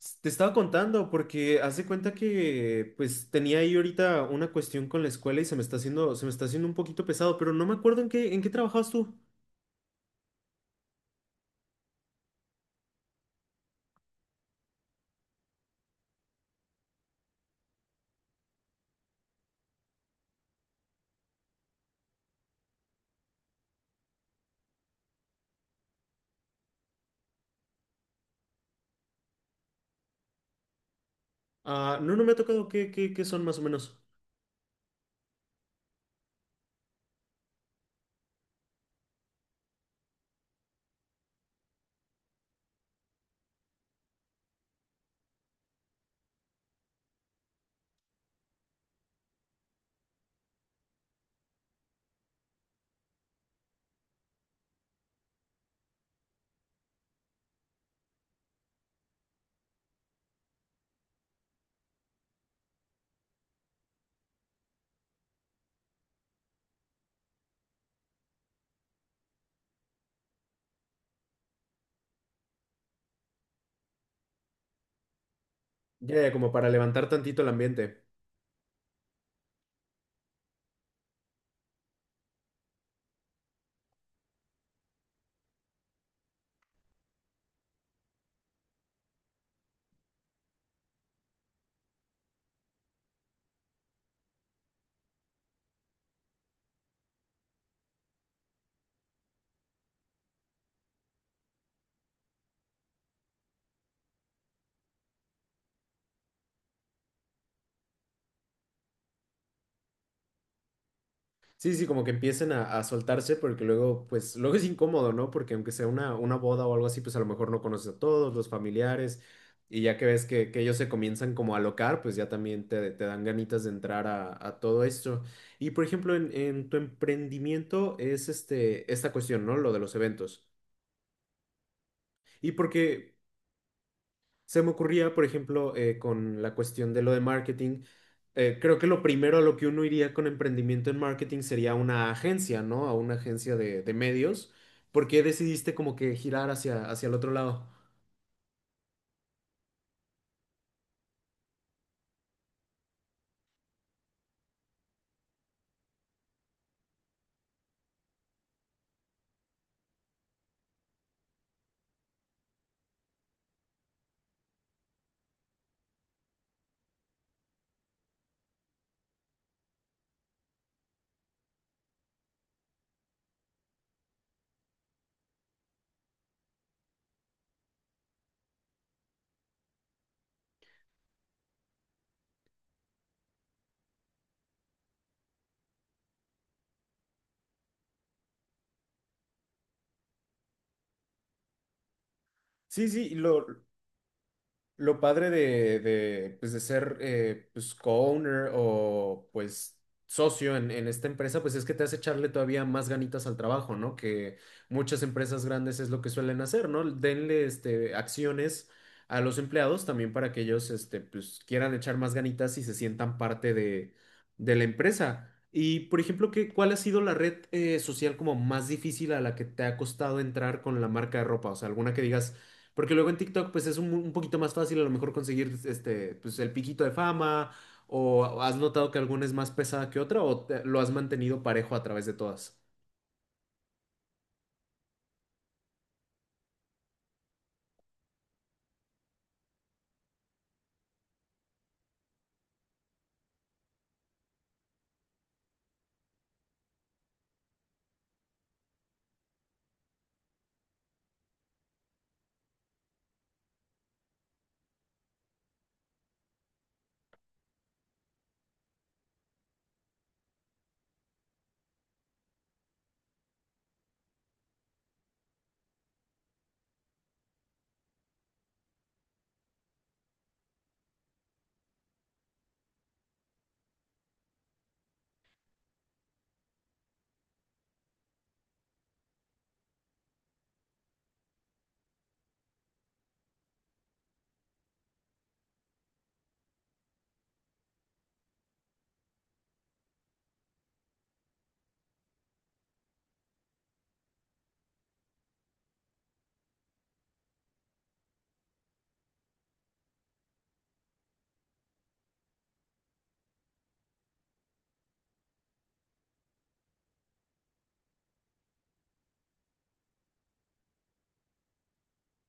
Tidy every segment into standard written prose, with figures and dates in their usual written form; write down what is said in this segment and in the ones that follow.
S- Te estaba contando porque haz de cuenta que pues tenía ahí ahorita una cuestión con la escuela y se me está haciendo un poquito pesado, pero no me acuerdo en qué trabajabas tú. Ah, no, no me ha tocado qué son más o menos. Ya, ya, como para levantar tantito el ambiente. Sí, sí, como que empiecen a soltarse porque luego, pues, luego es incómodo, ¿no? Porque aunque sea una boda o algo así, pues a lo mejor no conoces a todos los familiares y ya que ves que ellos se comienzan como a alocar, pues ya también te dan ganitas de entrar a todo esto. Y por ejemplo, en tu emprendimiento es este, esta cuestión, ¿no? Lo de los eventos. Y porque se me ocurría, por ejemplo, con la cuestión de lo de marketing, creo que lo primero a lo que uno iría con emprendimiento en marketing sería una agencia, ¿no? A una agencia de medios. ¿Por qué decidiste como que girar hacia el otro lado? Sí, sí, y lo padre de pues de ser pues co-owner o pues socio en esta empresa, pues es que te hace echarle todavía más ganitas al trabajo, ¿no? Que muchas empresas grandes es lo que suelen hacer, ¿no? Denle este, acciones a los empleados también para que ellos este, pues, quieran echar más ganitas y se sientan parte de la empresa. Y, por ejemplo, ¿qué, cuál ha sido la red social como más difícil a la que te ha costado entrar con la marca de ropa? O sea, alguna que digas... Porque luego en TikTok, pues es un poquito más fácil a lo mejor conseguir este, pues el piquito de fama, o has notado que alguna es más pesada que otra, o te- lo has mantenido parejo a través de todas.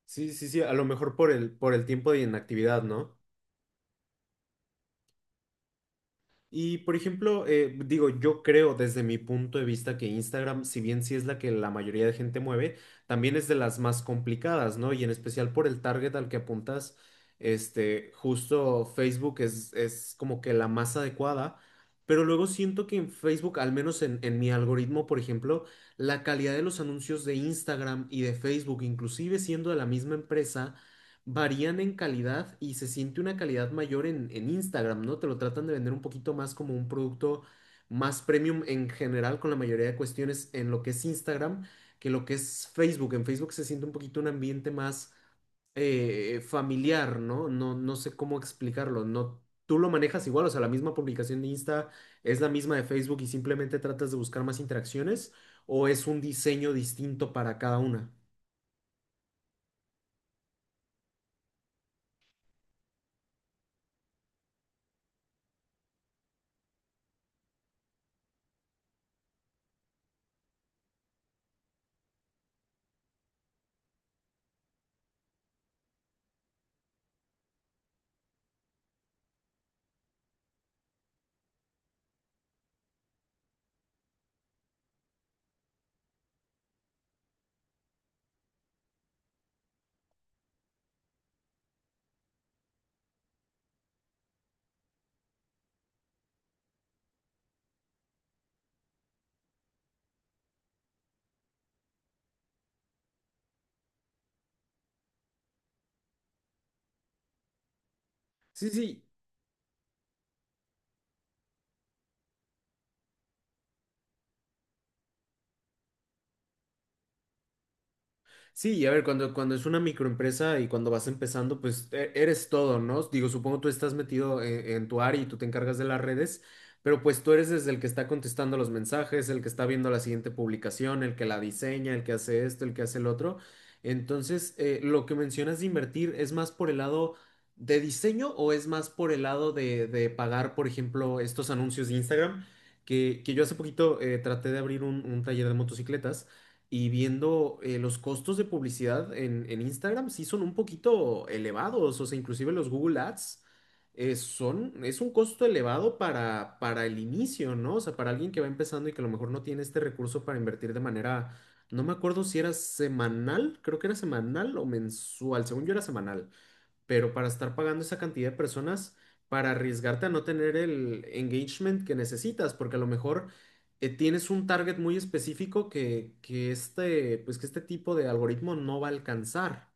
Sí, sí, sí, a lo mejor por el tiempo de inactividad, ¿no? Y por ejemplo, digo, yo creo desde mi punto de vista que Instagram, si bien sí es la que la mayoría de gente mueve, también es de las más complicadas, ¿no? Y en especial por el target al que apuntas, este, justo Facebook es como que la más adecuada, pero luego siento que en Facebook, al menos en mi algoritmo, por ejemplo, la calidad de los anuncios de Instagram y de Facebook, inclusive siendo de la misma empresa, varían en calidad y se siente una calidad mayor en Instagram, ¿no? Te lo tratan de vender un poquito más como un producto más premium en general con la mayoría de cuestiones en lo que es Instagram que lo que es Facebook. En Facebook se siente un poquito un ambiente más familiar, ¿no? No, no sé cómo explicarlo. No, tú lo manejas igual, o sea, la misma publicación de Insta es la misma de Facebook y simplemente tratas de buscar más interacciones o es un diseño distinto para cada una. Sí, sí. Sí, y a ver, cuando es una microempresa y cuando vas empezando, pues e- eres todo, ¿no? Digo, supongo tú estás metido en tu área y tú te encargas de las redes, pero pues tú eres desde el que está contestando los mensajes, el que está viendo la siguiente publicación, el que la diseña, el que hace esto, el que hace el otro. Entonces, lo que mencionas de invertir, ¿es más por el lado de diseño o es más por el lado de pagar, por ejemplo, estos anuncios de Instagram? Que yo hace poquito traté de abrir un taller de motocicletas y viendo los costos de publicidad en Instagram sí son un poquito elevados, o sea, inclusive los Google Ads son, es un costo elevado para el inicio, ¿no? O sea, para alguien que va empezando y que a lo mejor no tiene este recurso para invertir de manera, no me acuerdo si era semanal, creo que era semanal o mensual, según yo era semanal pero para estar pagando esa cantidad de personas, para arriesgarte a no tener el engagement que necesitas, porque a lo mejor tienes un target muy específico que este, pues que este tipo de algoritmo no va a alcanzar.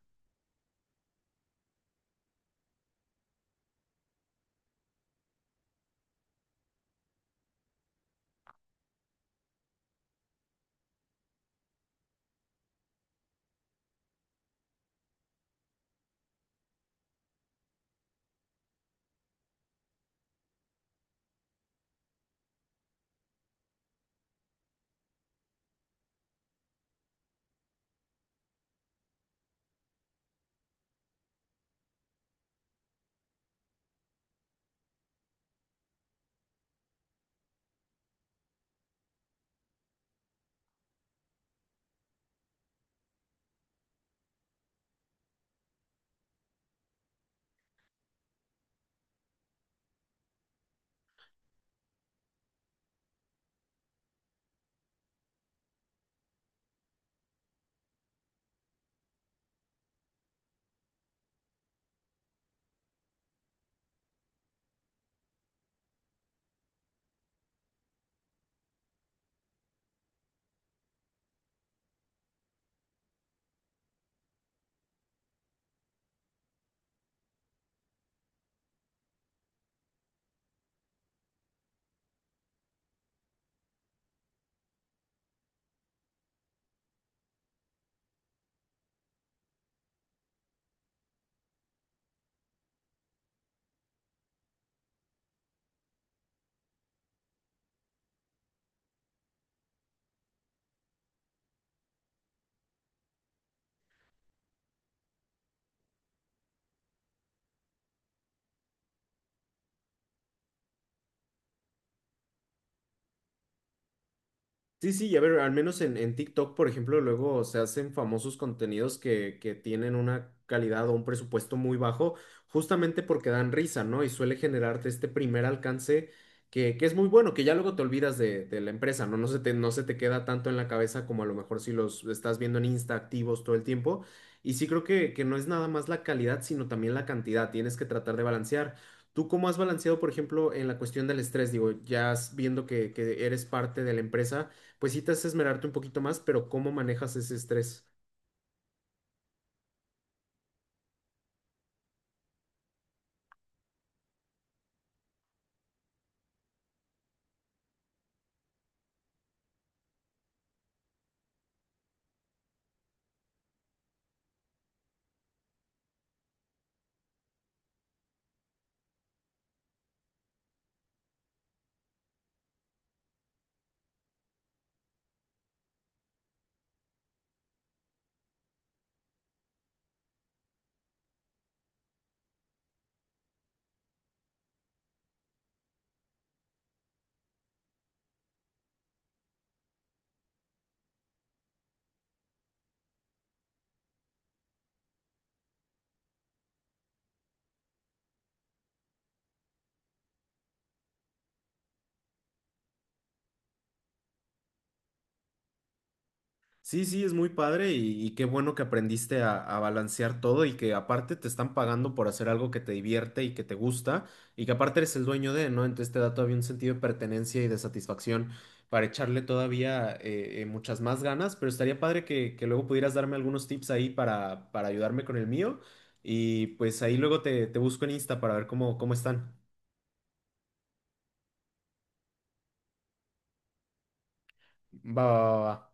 Sí, sí, y a ver, al menos en TikTok, por ejemplo, luego se hacen famosos contenidos que tienen una calidad o un presupuesto muy bajo, justamente porque dan risa, ¿no? Y suele generarte este primer alcance que es muy bueno, que ya luego te olvidas de la empresa, ¿no? No se te, no se te queda tanto en la cabeza como a lo mejor si los estás viendo en Insta activos todo el tiempo. Y sí creo que no es nada más la calidad, sino también la cantidad. Tienes que tratar de balancear. ¿Tú cómo has balanceado, por ejemplo, en la cuestión del estrés? Digo, ya viendo que eres parte de la empresa pues sí te hace esmerarte un poquito más, pero ¿cómo manejas ese estrés? Sí, sí, es muy padre y qué bueno que aprendiste a balancear todo y que aparte te están pagando por hacer algo que te divierte y que te gusta y que aparte eres el dueño de, ¿no? Entonces te da todavía un sentido de pertenencia y de satisfacción para echarle todavía muchas más ganas, pero estaría padre que luego pudieras darme algunos tips ahí para ayudarme con el mío y pues ahí luego te busco en Insta para ver cómo, cómo están. Va, va, va. Va.